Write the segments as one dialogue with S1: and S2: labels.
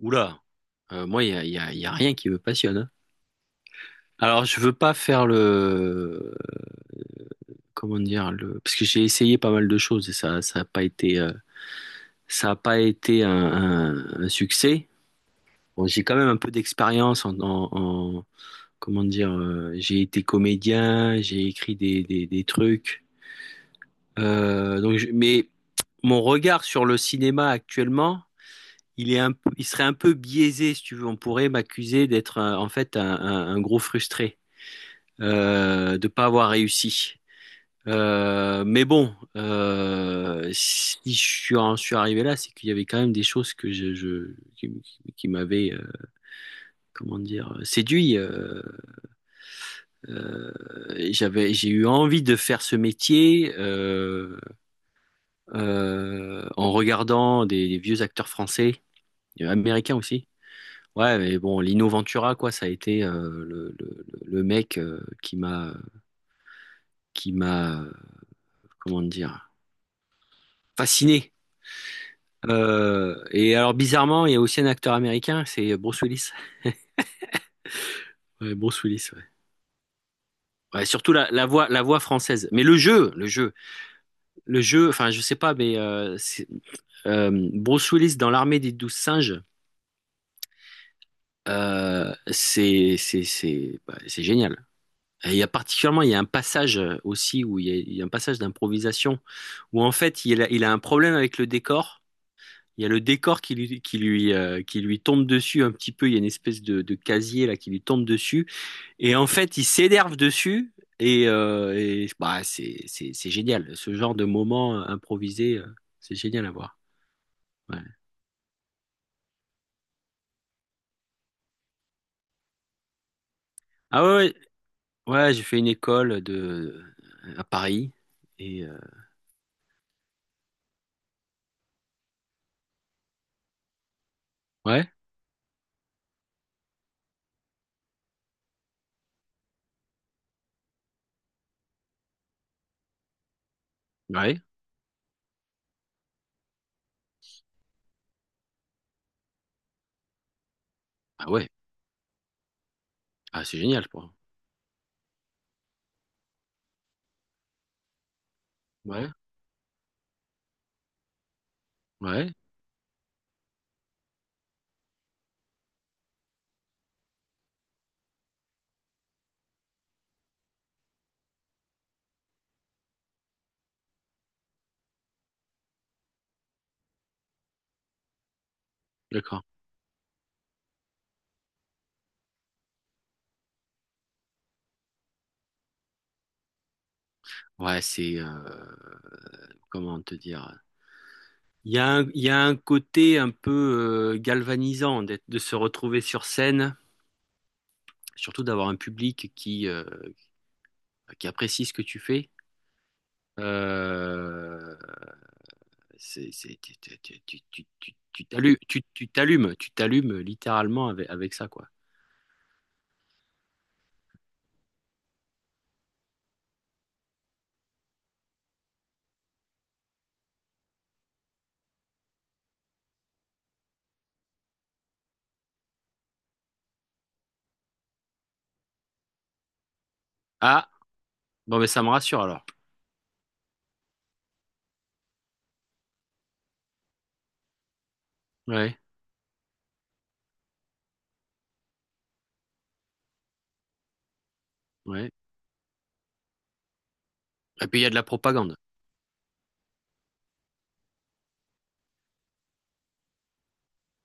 S1: Oula, moi, il y a, y a- y a rien qui me passionne, hein. Alors, je veux pas faire comment dire, parce que j'ai essayé pas mal de choses et ça a pas été un succès. Bon, j'ai quand même un peu d'expérience en- comment dire, j'ai été comédien, j'ai écrit des trucs. Donc, mais mon regard sur le cinéma actuellement, il serait un peu biaisé, si tu veux. On pourrait m'accuser d'être, en fait, un gros frustré, de pas avoir réussi. Mais bon, si en suis arrivé là, c'est qu'il y avait quand même des choses que je qui m'avaient, comment dire, séduit. Euh, j'ai eu envie de faire ce métier, en regardant des vieux acteurs français, américains aussi. Ouais, mais bon, Lino Ventura, quoi, ça a été, le mec, qui m'a, comment dire, fasciné. Et alors bizarrement, il y a aussi un acteur américain, c'est Bruce Willis. Ouais, Bruce Willis, ouais. Ouais, surtout la voix française. Mais le jeu, le jeu, le jeu. Enfin, je sais pas, mais Bruce Willis dans l'armée des douze singes, c'est génial. Et il y a un passage, aussi, où il y a un passage d'improvisation où en fait il a un problème avec le décor. Il y a le décor qui lui tombe dessus un petit peu. Il y a une espèce de casier là qui lui tombe dessus. Et en fait, ils s'énervent dessus, et, bah, c'est génial. Ce genre de moment, improvisé, c'est génial à voir. Ouais. Ah ouais, ouais, ouais, j'ai fait une école de, à Paris, et ouais, ouais, ah ouais, ah c'est génial, quoi. Ouais, ouais, d'accord. Ouais, c'est, comment te dire. Il y a un côté un peu, galvanisant d'être, de se retrouver sur scène, surtout d'avoir un public qui apprécie ce que tu fais. Euh, c'est, c'est, tu, tu, tu, tu, tu, tu- t'allumes, tu tu t'allumes littéralement avec ça, quoi. Ah, bon, mais ça me rassure alors. Ouais, ouais. Et puis il y a de la propagande.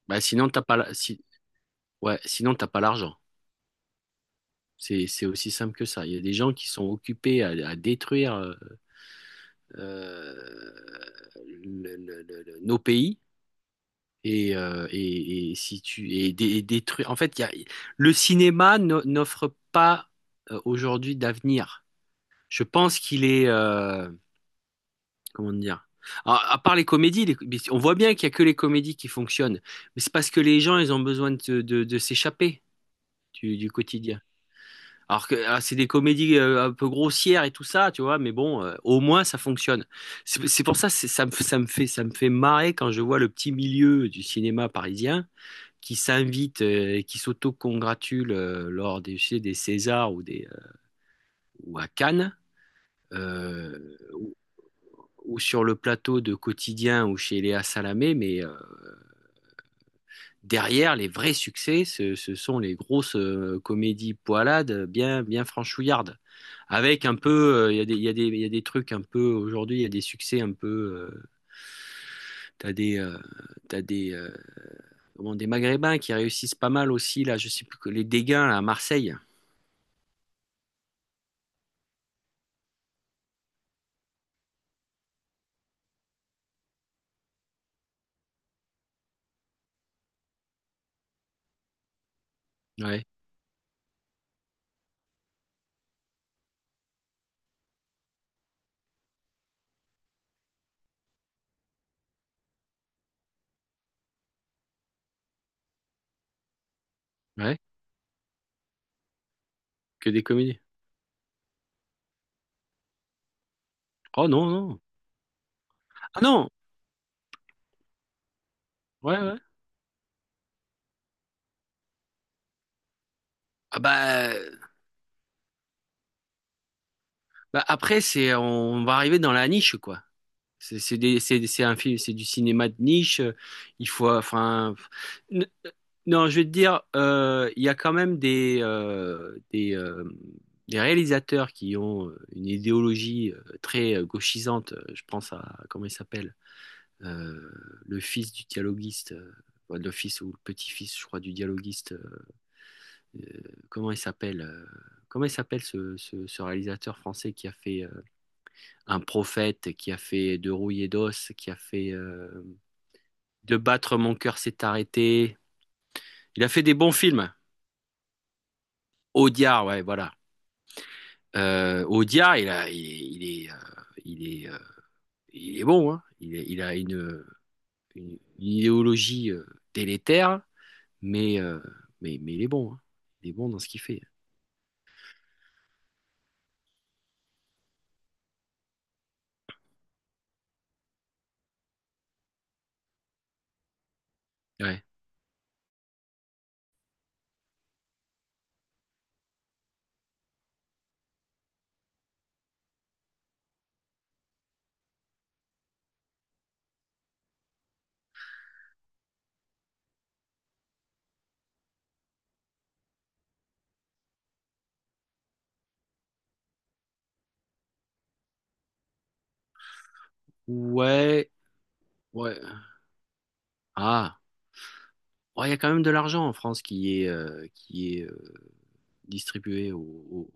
S1: Bah, sinon, t'as pas, la- si, ouais, sinon, t'as pas l'argent. C'est aussi simple que ça. Il y a des gens qui sont occupés à détruire, euh, nos pays. Et si tu et des en fait il y a, le cinéma n'offre pas, aujourd'hui, d'avenir. Je pense qu'il est, comment dire, à part les comédies, mais on voit bien qu'il y a que les comédies qui fonctionnent, mais c'est parce que les gens ils ont besoin de s'échapper du quotidien, alors que, ah, c'est des comédies, un peu grossières et tout ça, tu vois, mais bon, au moins ça fonctionne. C'est pour ça, ça me fait marrer quand je vois le petit milieu du cinéma parisien qui s'invitent, et qui s'autocongratulent, lors des, je sais, des Césars, ou à Cannes, euh, ou, ou sur le plateau de Quotidien ou chez Léa Salamé, mais, derrière, les vrais succès, ce sont les grosses, comédies poilades bien, bien franchouillardes. Avec un peu, il il y a des trucs un peu, aujourd'hui, il y a des succès un peu, euh, t'as des, euh, t'as des, euh, des Maghrébins qui réussissent pas mal aussi, là, je sais plus, les Dégains là, à Marseille. Ouais, ouais, que des comédies. Oh non, non. Ah non, ouais, ouais. Ah bah, bah après, on va arriver dans la niche, quoi. C'est un film, c'est du cinéma de niche, il faut, enfin, n- non, je vais te dire, il y a quand même des réalisateurs qui ont, une idéologie, très, gauchisante. Je pense à, comment il s'appelle? Euh, le fils du dialoguiste, ouais, le fils ou le petit-fils, je crois, du dialoguiste. euh, Comment il s'appelle, comment il s'appelle ce réalisateur français qui a fait, Un prophète, qui a fait De rouille et d'os, qui a fait, De battre mon cœur s'est arrêté. Il a fait des bons films. Audiard, ouais, voilà. Audiard, il a, il est, il est, euh, il est bon, hein. Il a une idéologie, délétère, mais, euh, mais il est bon, hein. Il est bon dans ce qu'il fait. Ouais. Ouais. Ouais. Ah. Oh, il y a quand même de l'argent en France qui est, distribué aux-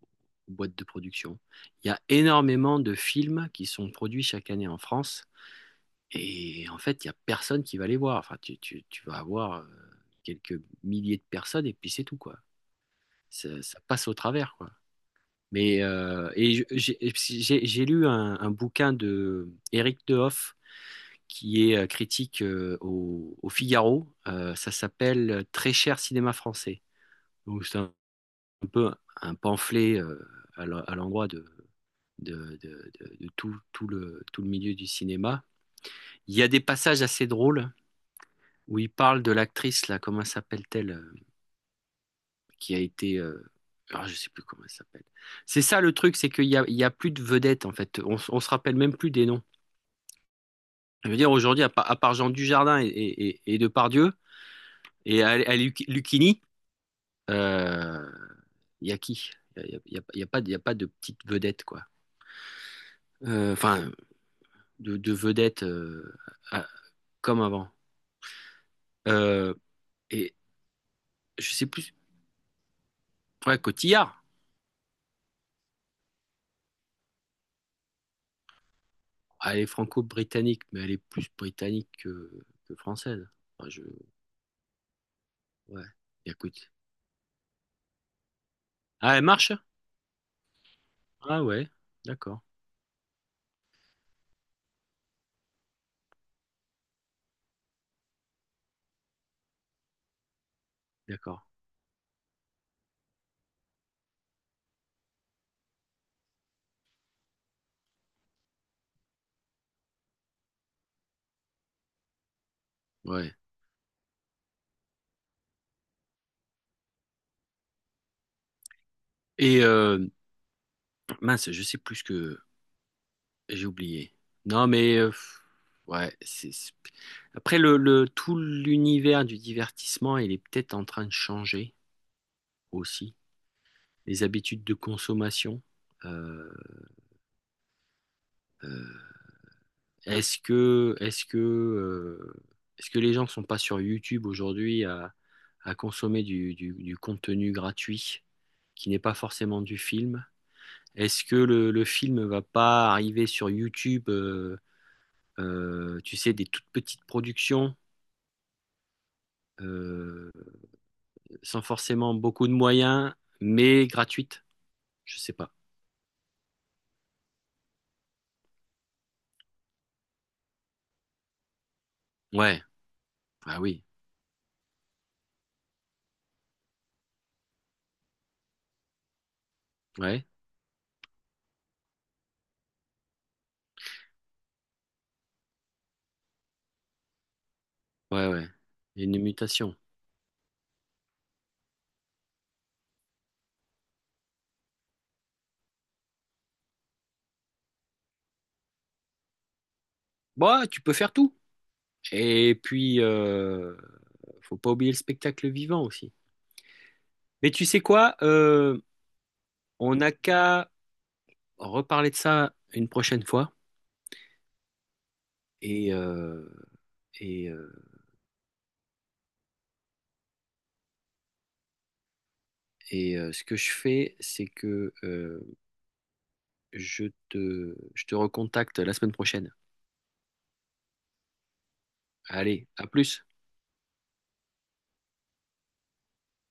S1: aux boîtes de production. Il y a énormément de films qui sont produits chaque année en France, et en fait, il n'y a personne qui va les voir. Enfin, tu vas avoir, quelques milliers de personnes, et puis c'est tout, quoi. Ça passe au travers, quoi. Mais, et j'ai lu un bouquin de Éric Dehoff qui est, critique, au Figaro. Ça s'appelle Très cher cinéma français. Donc, c'est un peu un pamphlet, à l'endroit de tout le milieu du cinéma. Il y a des passages assez drôles où il parle de l'actrice, là, comment s'appelle-t-elle, qui a été, ah, je sais plus comment elle s'appelle. C'est ça le truc, c'est il y a plus de vedettes, en fait. On se rappelle même plus des noms. Je veux dire, aujourd'hui, à part Jean Dujardin, et Depardieu, à Lucchini, euh, il y a qui? Il il y a pas de petite vedette, quoi. Enfin, de vedettes, à- comme avant. Euh, et je sais plus, ouais, Cotillard. Elle est franco-britannique, mais elle est plus britannique que, française. Enfin, je, ouais, écoute. Ah, elle marche? Ah ouais, d'accord, d'accord, ouais. Et, mince, je sais plus ce que j'ai oublié. Non, mais, ouais, après le tout l'univers du divertissement, il est peut-être en train de changer aussi. Les habitudes de consommation. Euh, euh, Est-ce que, est-ce que, est-ce que les gens ne sont pas sur YouTube aujourd'hui à consommer du contenu gratuit qui n'est pas forcément du film? Est-ce que le film ne va pas arriver sur YouTube, tu sais, des toutes petites productions, euh, sans forcément beaucoup de moyens, mais gratuites? Je sais pas. Ouais, ah oui, ouais, ouais, ouais. Il y a une mutation. Bah, tu peux faire tout. Et puis, faut pas oublier le spectacle vivant aussi. Mais tu sais quoi? On n'a qu'à reparler de ça une prochaine fois. Et, euh, et, euh, Ce que je fais, c'est que, je te recontacte la semaine prochaine. Allez, à plus.